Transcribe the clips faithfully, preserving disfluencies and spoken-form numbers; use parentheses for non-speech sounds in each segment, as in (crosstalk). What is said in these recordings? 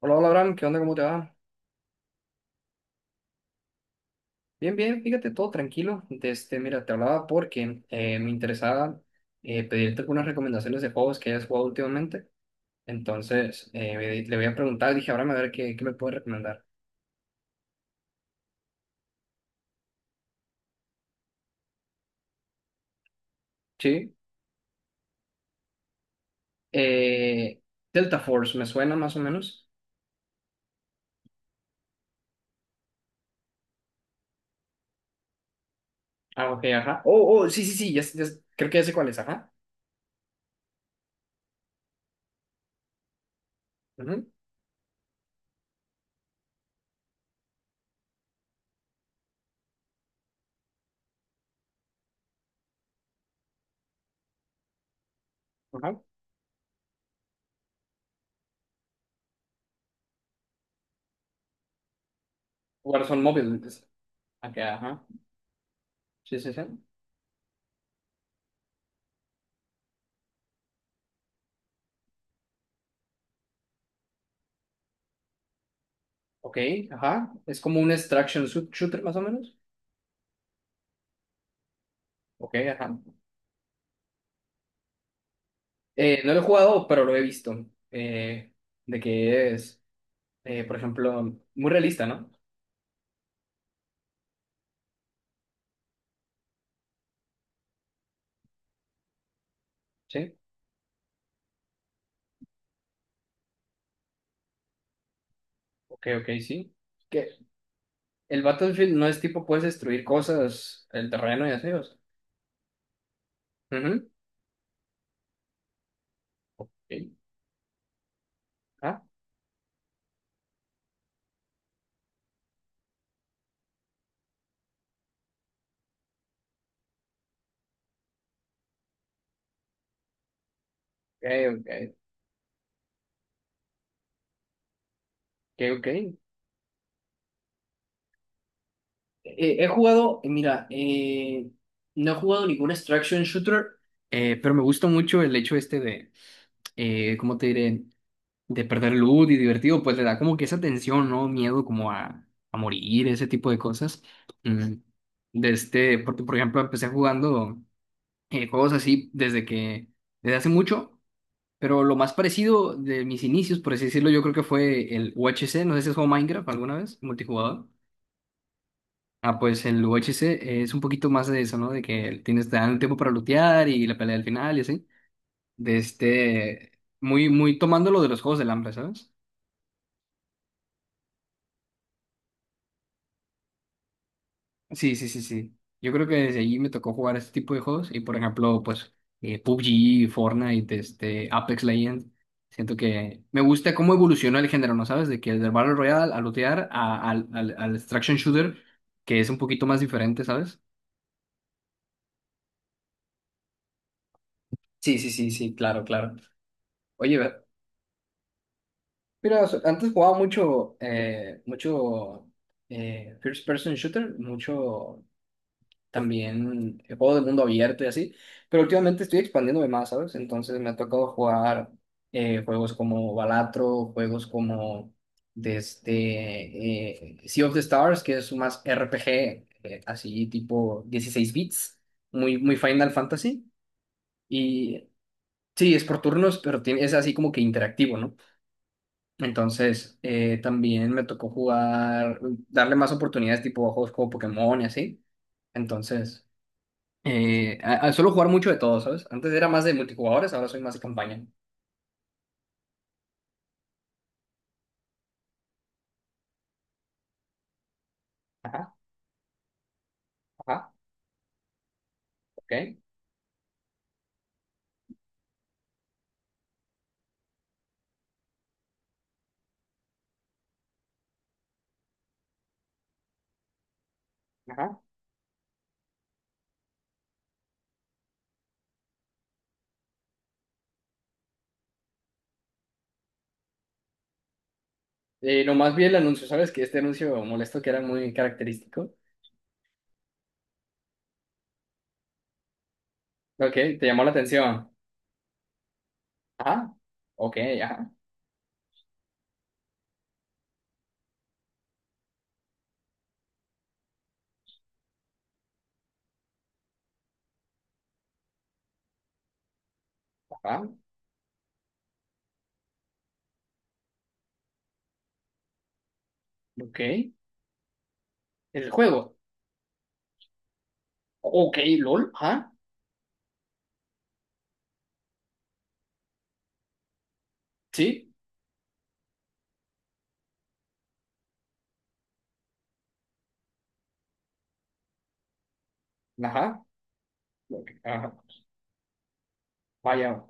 Hola, hola, Abraham, ¿qué onda? ¿Cómo te va? Bien, bien, fíjate, todo tranquilo. Desde, mira, te hablaba porque eh, me interesaba eh, pedirte algunas recomendaciones de juegos que hayas jugado últimamente. Entonces, eh, le voy a preguntar, dije, Abraham, a ver qué, qué me puede recomendar. Sí. Eh, Delta Force, ¿me suena más o menos? Ah, ok, ajá. Oh, oh, sí, sí, sí, ya, sé- ya sé- creo que ya sé cuál es, ajá. Ujú, ajá. Warzone Mobile, entonces. Ok, ajá. Sí, sí, sí. Ok, ajá. Es como un extraction shoot- shooter, más o menos. Ok, ajá. Eh, no lo he jugado, pero lo he visto. eh, de que es, eh, por ejemplo, muy realista, ¿no? Sí. Ok, ok, sí. Que el Battlefield no es tipo, puedes destruir cosas, el terreno y así. O sea. Ujú, ok. Ah, ok, ok. Ok, ok. Eh, he jugado, eh, mira, eh, no he jugado ningún extraction shooter, eh, pero me gusta mucho el hecho este de, eh, ¿cómo te diré? De perder el luz y divertido, pues le da como que esa tensión, ¿no? Miedo como a, a morir, ese tipo de cosas. Mm, De este, porque por ejemplo empecé jugando eh, juegos así desde que, desde hace mucho, pero lo más parecido de mis inicios, por así decirlo, yo creo que fue el U H C, no sé si has jugado Minecraft alguna vez, multijugador. Ah, pues el U H C es un poquito más de eso, ¿no? De que tienes, te dan el tiempo para lootear y la pelea al final y así. De este, muy, muy tomando lo de los juegos del hambre, ¿sabes? Sí, sí, sí, sí. Yo creo que desde allí me tocó jugar este tipo de juegos y por ejemplo, pues eh, P U B G, Fortnite, este, Apex Legends. Siento que me gusta cómo evolucionó el género, ¿no sabes? De que del Battle Royale al lootear a- al, al, al extraction shooter, que es un poquito más diferente, ¿sabes? Sí, sí, sí, sí, claro, claro. Oye, ve- mira, so- antes jugaba mucho, eh, mucho eh, first person shooter, mucho también eh, juegos de mundo abierto y así, pero últimamente estoy expandiéndome más, ¿sabes? Entonces me ha tocado jugar eh, juegos como Balatro, juegos como desde eh, Sea of the Stars, que es más R P G, eh, así tipo dieciséis bits, muy, muy Final Fantasy, y sí, es por turnos, pero tiene- es así como que interactivo, ¿no? Entonces, eh, también me tocó jugar, darle más oportunidades tipo a juegos como Pokémon y así. Entonces, eh, a- a- suelo jugar mucho de todo, ¿sabes? Antes era más de multijugadores, ahora soy más de campaña. Ajá, ajá, ok, ajá. Eh, nomás vi el anuncio, ¿sabes? Que este anuncio molesto que era muy característico. Ok, te llamó la atención. Ajá, ok, ajá, ajá, ok. El juego. Ok, LOL, ajá, sí, ajá, ok, ajá, vaya.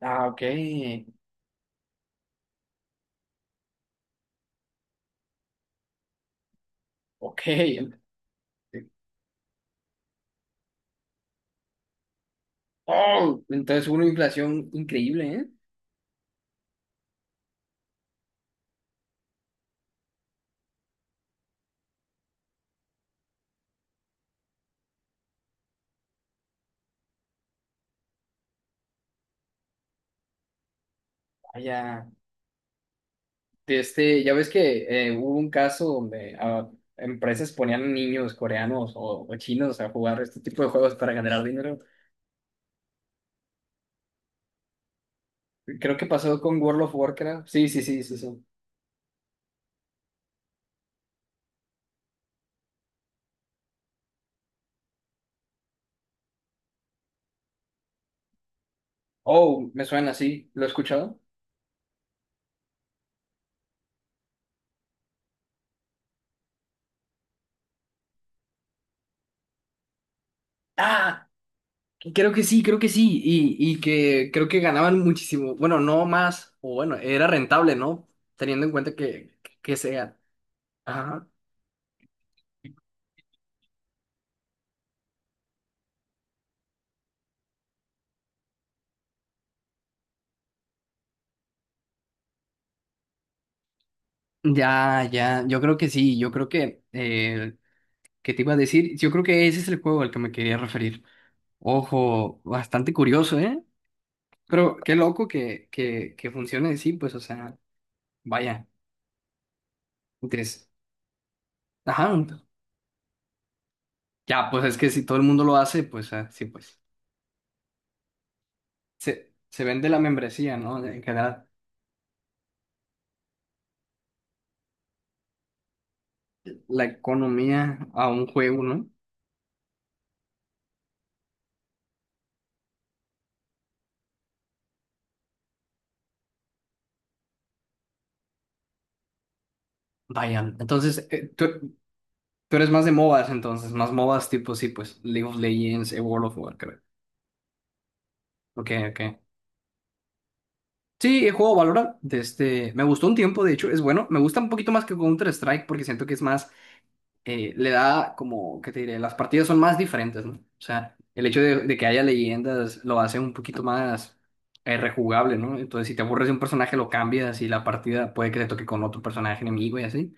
Ah, ok, ok. (laughs) Oh, entonces hubo una inflación increíble, ¿eh? Vaya. De este, ya ves que eh, hubo un caso donde ah, empresas ponían niños coreanos o, o chinos a jugar este tipo de juegos para ganar dinero. Creo que pasó con World of Warcraft. Sí, sí, sí, sí, sí. Oh, me suena, sí. ¿Lo he escuchado? Ah, creo que sí, creo que sí. Y, y que creo que ganaban muchísimo. Bueno, no más, o bueno, era rentable, ¿no? Teniendo en cuenta que, que sea. Ajá. Ya, ya, yo creo que sí, yo creo que, eh, ¿qué te iba a decir? Yo creo que ese es el juego al que me quería referir. Ojo, bastante curioso, ¿eh? Pero qué loco que, que, que funcione así, pues, o sea, vaya, entonces, ajá, ya, pues es que si todo el mundo lo hace, pues ah, sí, pues, se, se vende la membresía, ¿no? En general, la economía a un juego, ¿no? Vaya, entonces, eh, tú, tú eres más de MOBAs, entonces, más MOBAs tipo, sí, pues, League of Legends, eh, World of Warcraft, ok, ok. Sí, he jugado Valorant, de este, me gustó un tiempo, de hecho, es bueno, me gusta un poquito más que Counter-Strike porque siento que es más eh, le da como, ¿qué te diré? Las partidas son más diferentes, ¿no? O sea, el hecho de, de que haya leyendas lo hace un poquito más eh, rejugable, ¿no? Entonces, si te aburres de un personaje, lo cambias y la partida puede que te toque con otro personaje enemigo y así.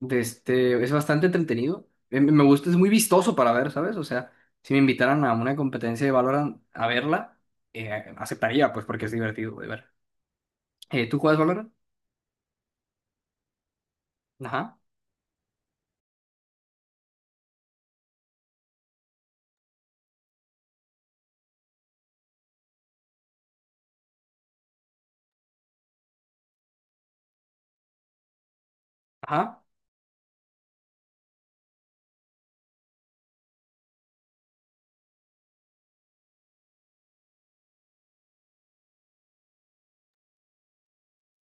De este, es bastante entretenido. Eh, Me gusta, es muy vistoso para ver, ¿sabes? O sea, si me invitaran a una competencia de Valorant a verla, eh, aceptaría, pues, porque es divertido de ver. Eh, ¿tú juegas Valorant? Ajá, ajá,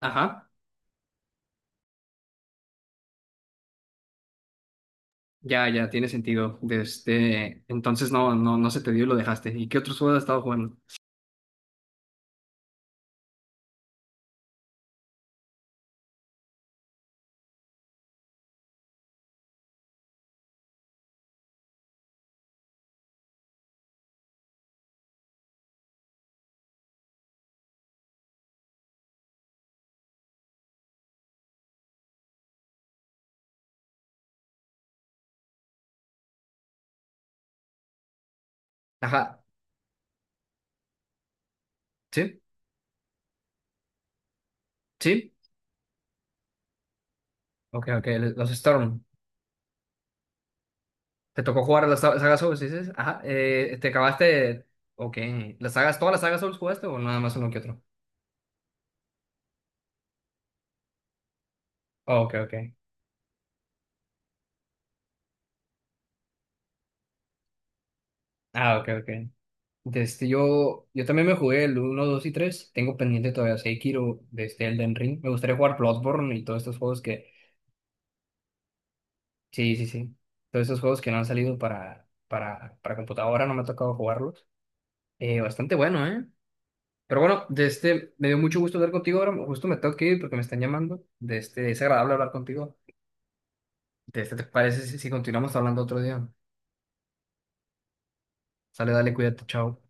ajá. Ya, ya, tiene sentido. Desde entonces no, no, no se te dio y lo dejaste. ¿Y qué otros juegos has estado jugando? Ajá, sí, sí, ok, ok, los Storm. ¿Te tocó jugar las sa- sagas Souls? Dices, ajá, eh, ¿te acabaste? Ok, ¿las sagas, todas las sagas Souls jugaste o nada más uno que otro? Oh, ok, ok. Ah, ok, ok. Desde yo, yo también me jugué el uno, dos y tres. Tengo pendiente todavía Sekiro, desde Elden Ring. Me gustaría jugar Bloodborne y todos estos juegos que sí, sí, sí. Todos esos juegos que no han salido para, para, para, computadora, no me ha tocado jugarlos. Eh, bastante bueno, ¿eh? Pero bueno, de este, me dio mucho gusto hablar contigo ahora. Justo me tengo que ir porque me están llamando. De este, es agradable hablar contigo. De este, ¿te parece si, si continuamos hablando otro día? Sale, dale, cuídate, chao.